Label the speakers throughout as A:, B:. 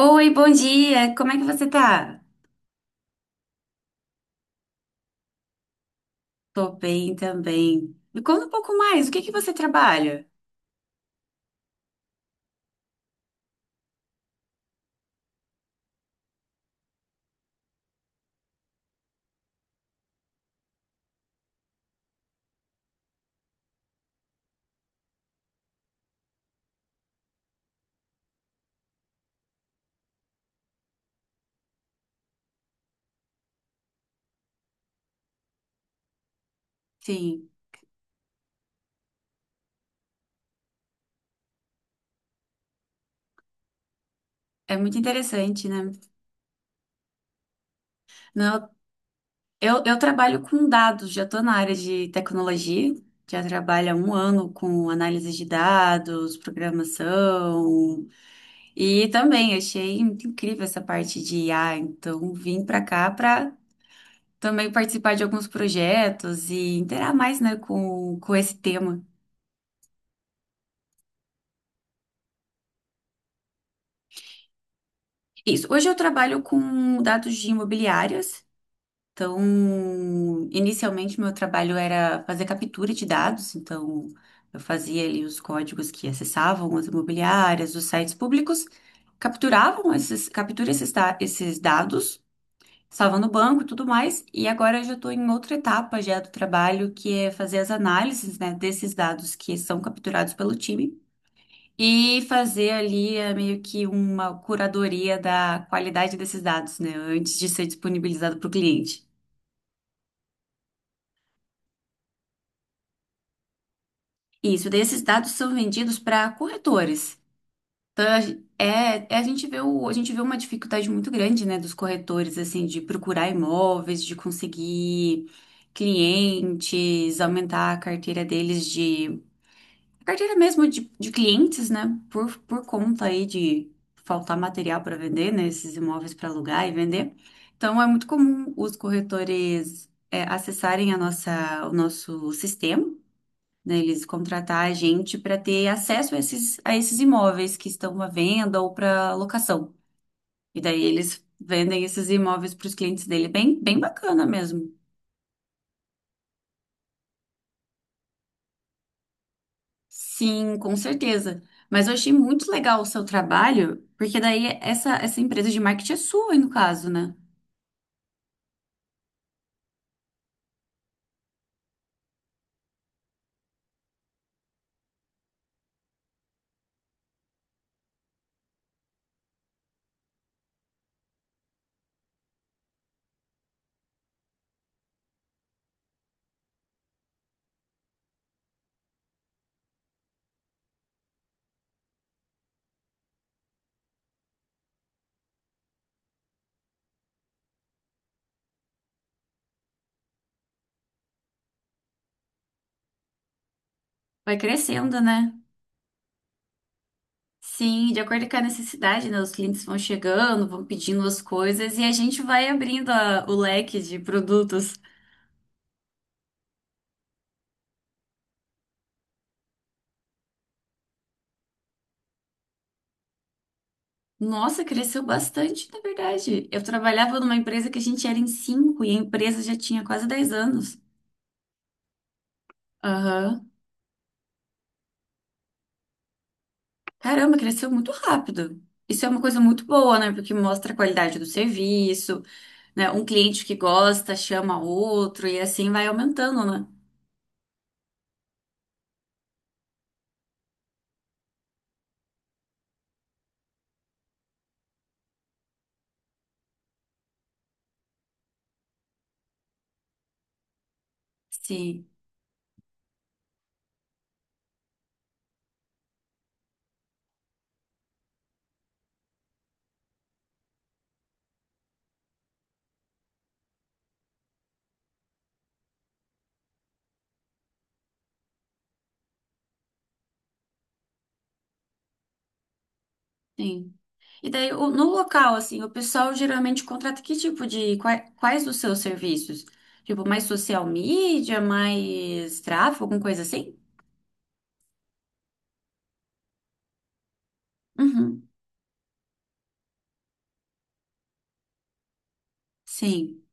A: Oi, bom dia. Como é que você tá? Tô bem também. Me conta um pouco mais. O que que você trabalha? Sim, é muito interessante, né? Não, eu trabalho com dados, já tô na área de tecnologia. Já trabalho há 1 ano com análise de dados, programação. E também achei muito incrível essa parte de IA. Então, vim pra cá pra também participar de alguns projetos e interar mais, né, com esse tema. Isso. Hoje eu trabalho com dados de imobiliárias. Então, inicialmente meu trabalho era fazer captura de dados. Então, eu fazia ali os códigos que acessavam as imobiliárias, os sites públicos, capturavam esses, captura esses, esses dados, salvam no banco e tudo mais. E agora eu já estou em outra etapa já do trabalho, que é fazer as análises, né, desses dados que são capturados pelo time e fazer ali meio que uma curadoria da qualidade desses dados, né, antes de ser disponibilizado para o cliente. Isso, daí esses dados são vendidos para corretores. Então, é, a gente vê a gente vê uma dificuldade muito grande, né, dos corretores, assim, de procurar imóveis, de conseguir clientes, aumentar a carteira deles de A carteira mesmo de clientes, né? Por conta aí de faltar material para vender, né? Esses imóveis para alugar e vender. Então, é muito comum os corretores acessarem a nossa, o nosso sistema, né? Eles contratar a gente para ter acesso a esses imóveis que estão à venda ou para locação. E daí eles vendem esses imóveis para os clientes dele. Bem, bem bacana mesmo. Sim, com certeza. Mas eu achei muito legal o seu trabalho, porque daí essa empresa de marketing é sua, no caso, né? Vai crescendo, né? Sim, de acordo com a necessidade, né? Os clientes vão chegando, vão pedindo as coisas e a gente vai abrindo o leque de produtos. Nossa, cresceu bastante, na verdade. Eu trabalhava numa empresa que a gente era em cinco e a empresa já tinha quase 10 anos. Aham. Caramba, cresceu muito rápido. Isso é uma coisa muito boa, né? Porque mostra a qualidade do serviço. Né, um cliente que gosta chama outro e assim vai aumentando, né? Sim, sim. E daí, no local, assim, o pessoal geralmente contrata que tipo de, quais, quais os seus serviços? Tipo, mais social media, mais tráfego, alguma coisa assim? Uhum. Sim,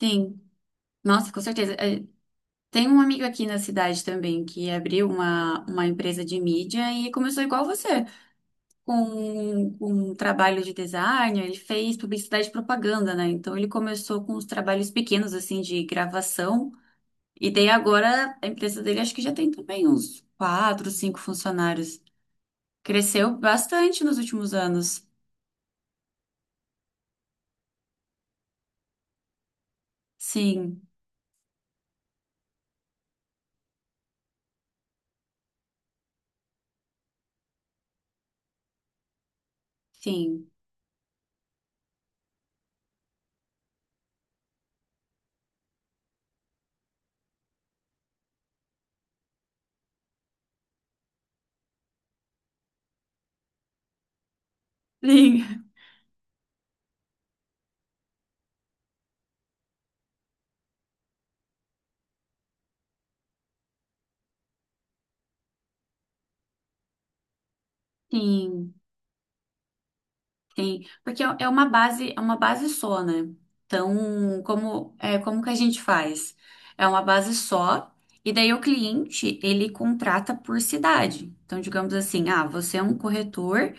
A: sim. Nossa, com certeza. É, tem um amigo aqui na cidade também que abriu uma empresa de mídia e começou igual você, com um trabalho de design, ele fez publicidade e propaganda, né? Então ele começou com os trabalhos pequenos, assim, de gravação. E daí agora a empresa dele acho que já tem também uns quatro, cinco funcionários. Cresceu bastante nos últimos anos. Sim, sim, sim. Sim. Sim, porque é uma base só, né? Então, como é, como que a gente faz? É uma base só, e daí o cliente, ele contrata por cidade. Então, digamos assim, ah, você é um corretor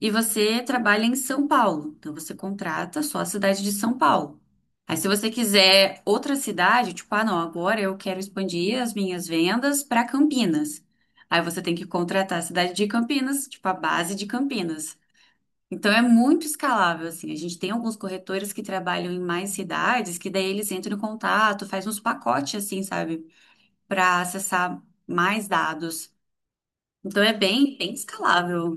A: e você trabalha em São Paulo. Então, você contrata só a cidade de São Paulo. Aí, se você quiser outra cidade, tipo, ah, não, agora eu quero expandir as minhas vendas para Campinas. Aí você tem que contratar a cidade de Campinas, tipo, a base de Campinas. Então é muito escalável, assim. A gente tem alguns corretores que trabalham em mais cidades, que daí eles entram em contato, faz uns pacotes, assim, sabe? Para acessar mais dados. Então é bem, bem escalável.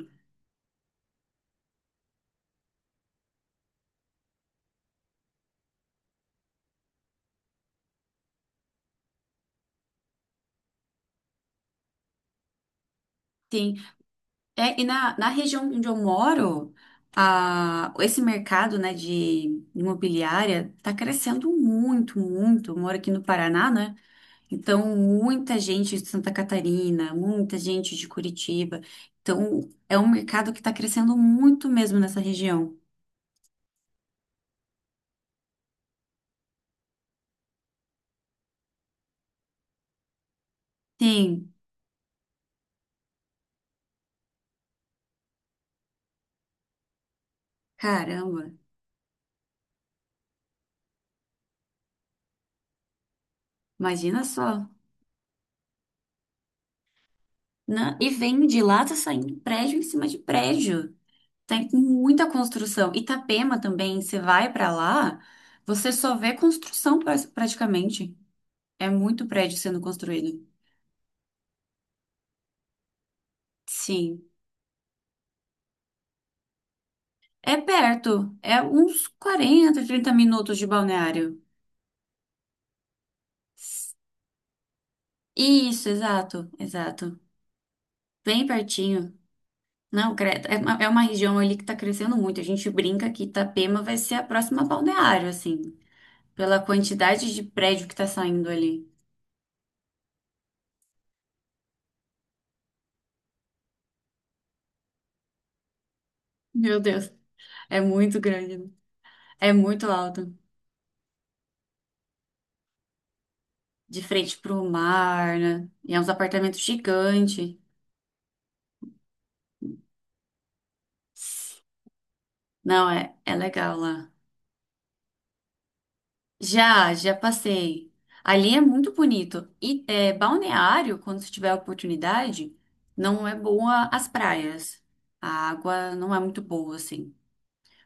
A: Sim. É, e na região onde eu moro, a, esse mercado, né, de imobiliária tá crescendo muito, muito. Eu moro aqui no Paraná, né? Então, muita gente de Santa Catarina, muita gente de Curitiba. Então, é um mercado que está crescendo muito mesmo nessa região. Sim, caramba, imagina só. E vem de lá, tá saindo prédio em cima de prédio. Tem muita construção. Itapema também, você vai para lá, você só vê construção praticamente. É muito prédio sendo construído. Sim. É perto, é uns 40, 30 minutos de balneário. Isso, exato, exato. Bem pertinho. Não, credo. É uma região ali que tá crescendo muito. A gente brinca que Itapema vai ser a próxima balneário, assim, pela quantidade de prédio que tá saindo ali. Meu Deus, é muito grande, né? É muito alto. De frente pro mar, né? E é uns apartamentos gigantes. Não, é, é legal lá. Já, já passei. Ali é muito bonito. E é, Balneário, quando você tiver a oportunidade, não é boa as praias. A água não é muito boa, assim.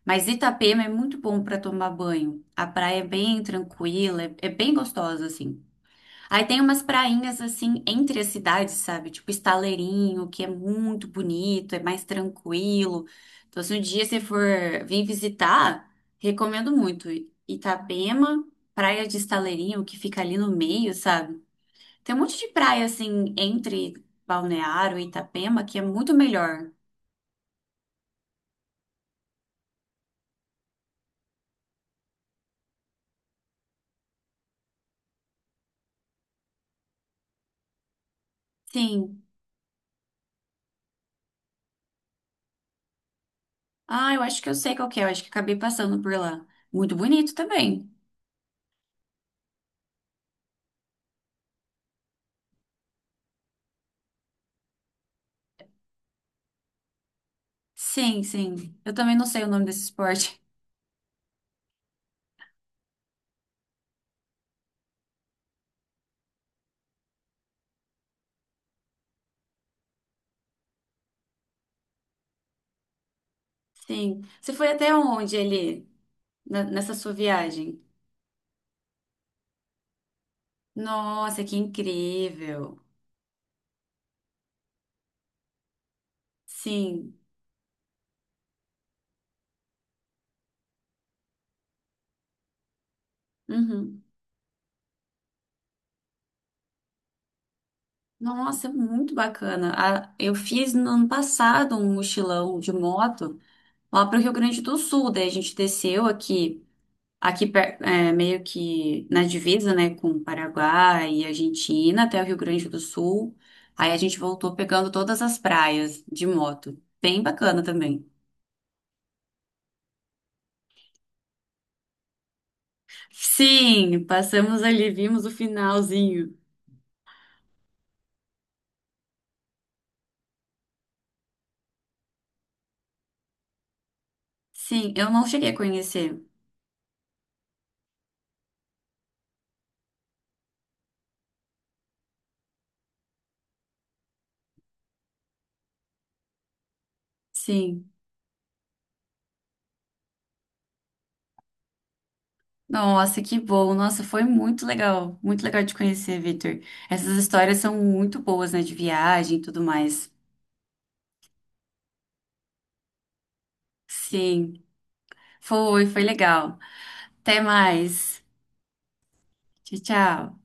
A: Mas Itapema é muito bom para tomar banho. A praia é bem tranquila, é, é bem gostosa, assim. Aí tem umas prainhas assim entre as cidades, sabe? Tipo Estaleirinho, que é muito bonito, é mais tranquilo. Então, se um dia você for vir visitar, recomendo muito. Itapema, Praia de Estaleirinho, que fica ali no meio, sabe? Tem um monte de praia assim entre Balneário e Itapema que é muito melhor. Sim. Ah, eu acho que eu sei qual que é, eu acho que acabei passando por lá. Muito bonito também. Sim, sim. Eu também não sei o nome desse esporte. Sim. Você foi até onde ali, nessa sua viagem? Nossa, que incrível. Sim. Uhum. Nossa, muito bacana. Eu fiz no ano passado um mochilão de moto lá para o Rio Grande do Sul. Daí a gente desceu aqui, é, meio que na divisa, né, com o Paraguai e Argentina até o Rio Grande do Sul. Aí a gente voltou pegando todas as praias de moto. Bem bacana também. Sim, passamos ali, vimos o finalzinho. Sim, eu não cheguei a conhecer. Sim. Nossa, que bom. Nossa, foi muito legal. Muito legal de conhecer, Victor. Essas histórias são muito boas, né? De viagem e tudo mais. Sim, foi, foi legal. Até mais. Tchau, tchau.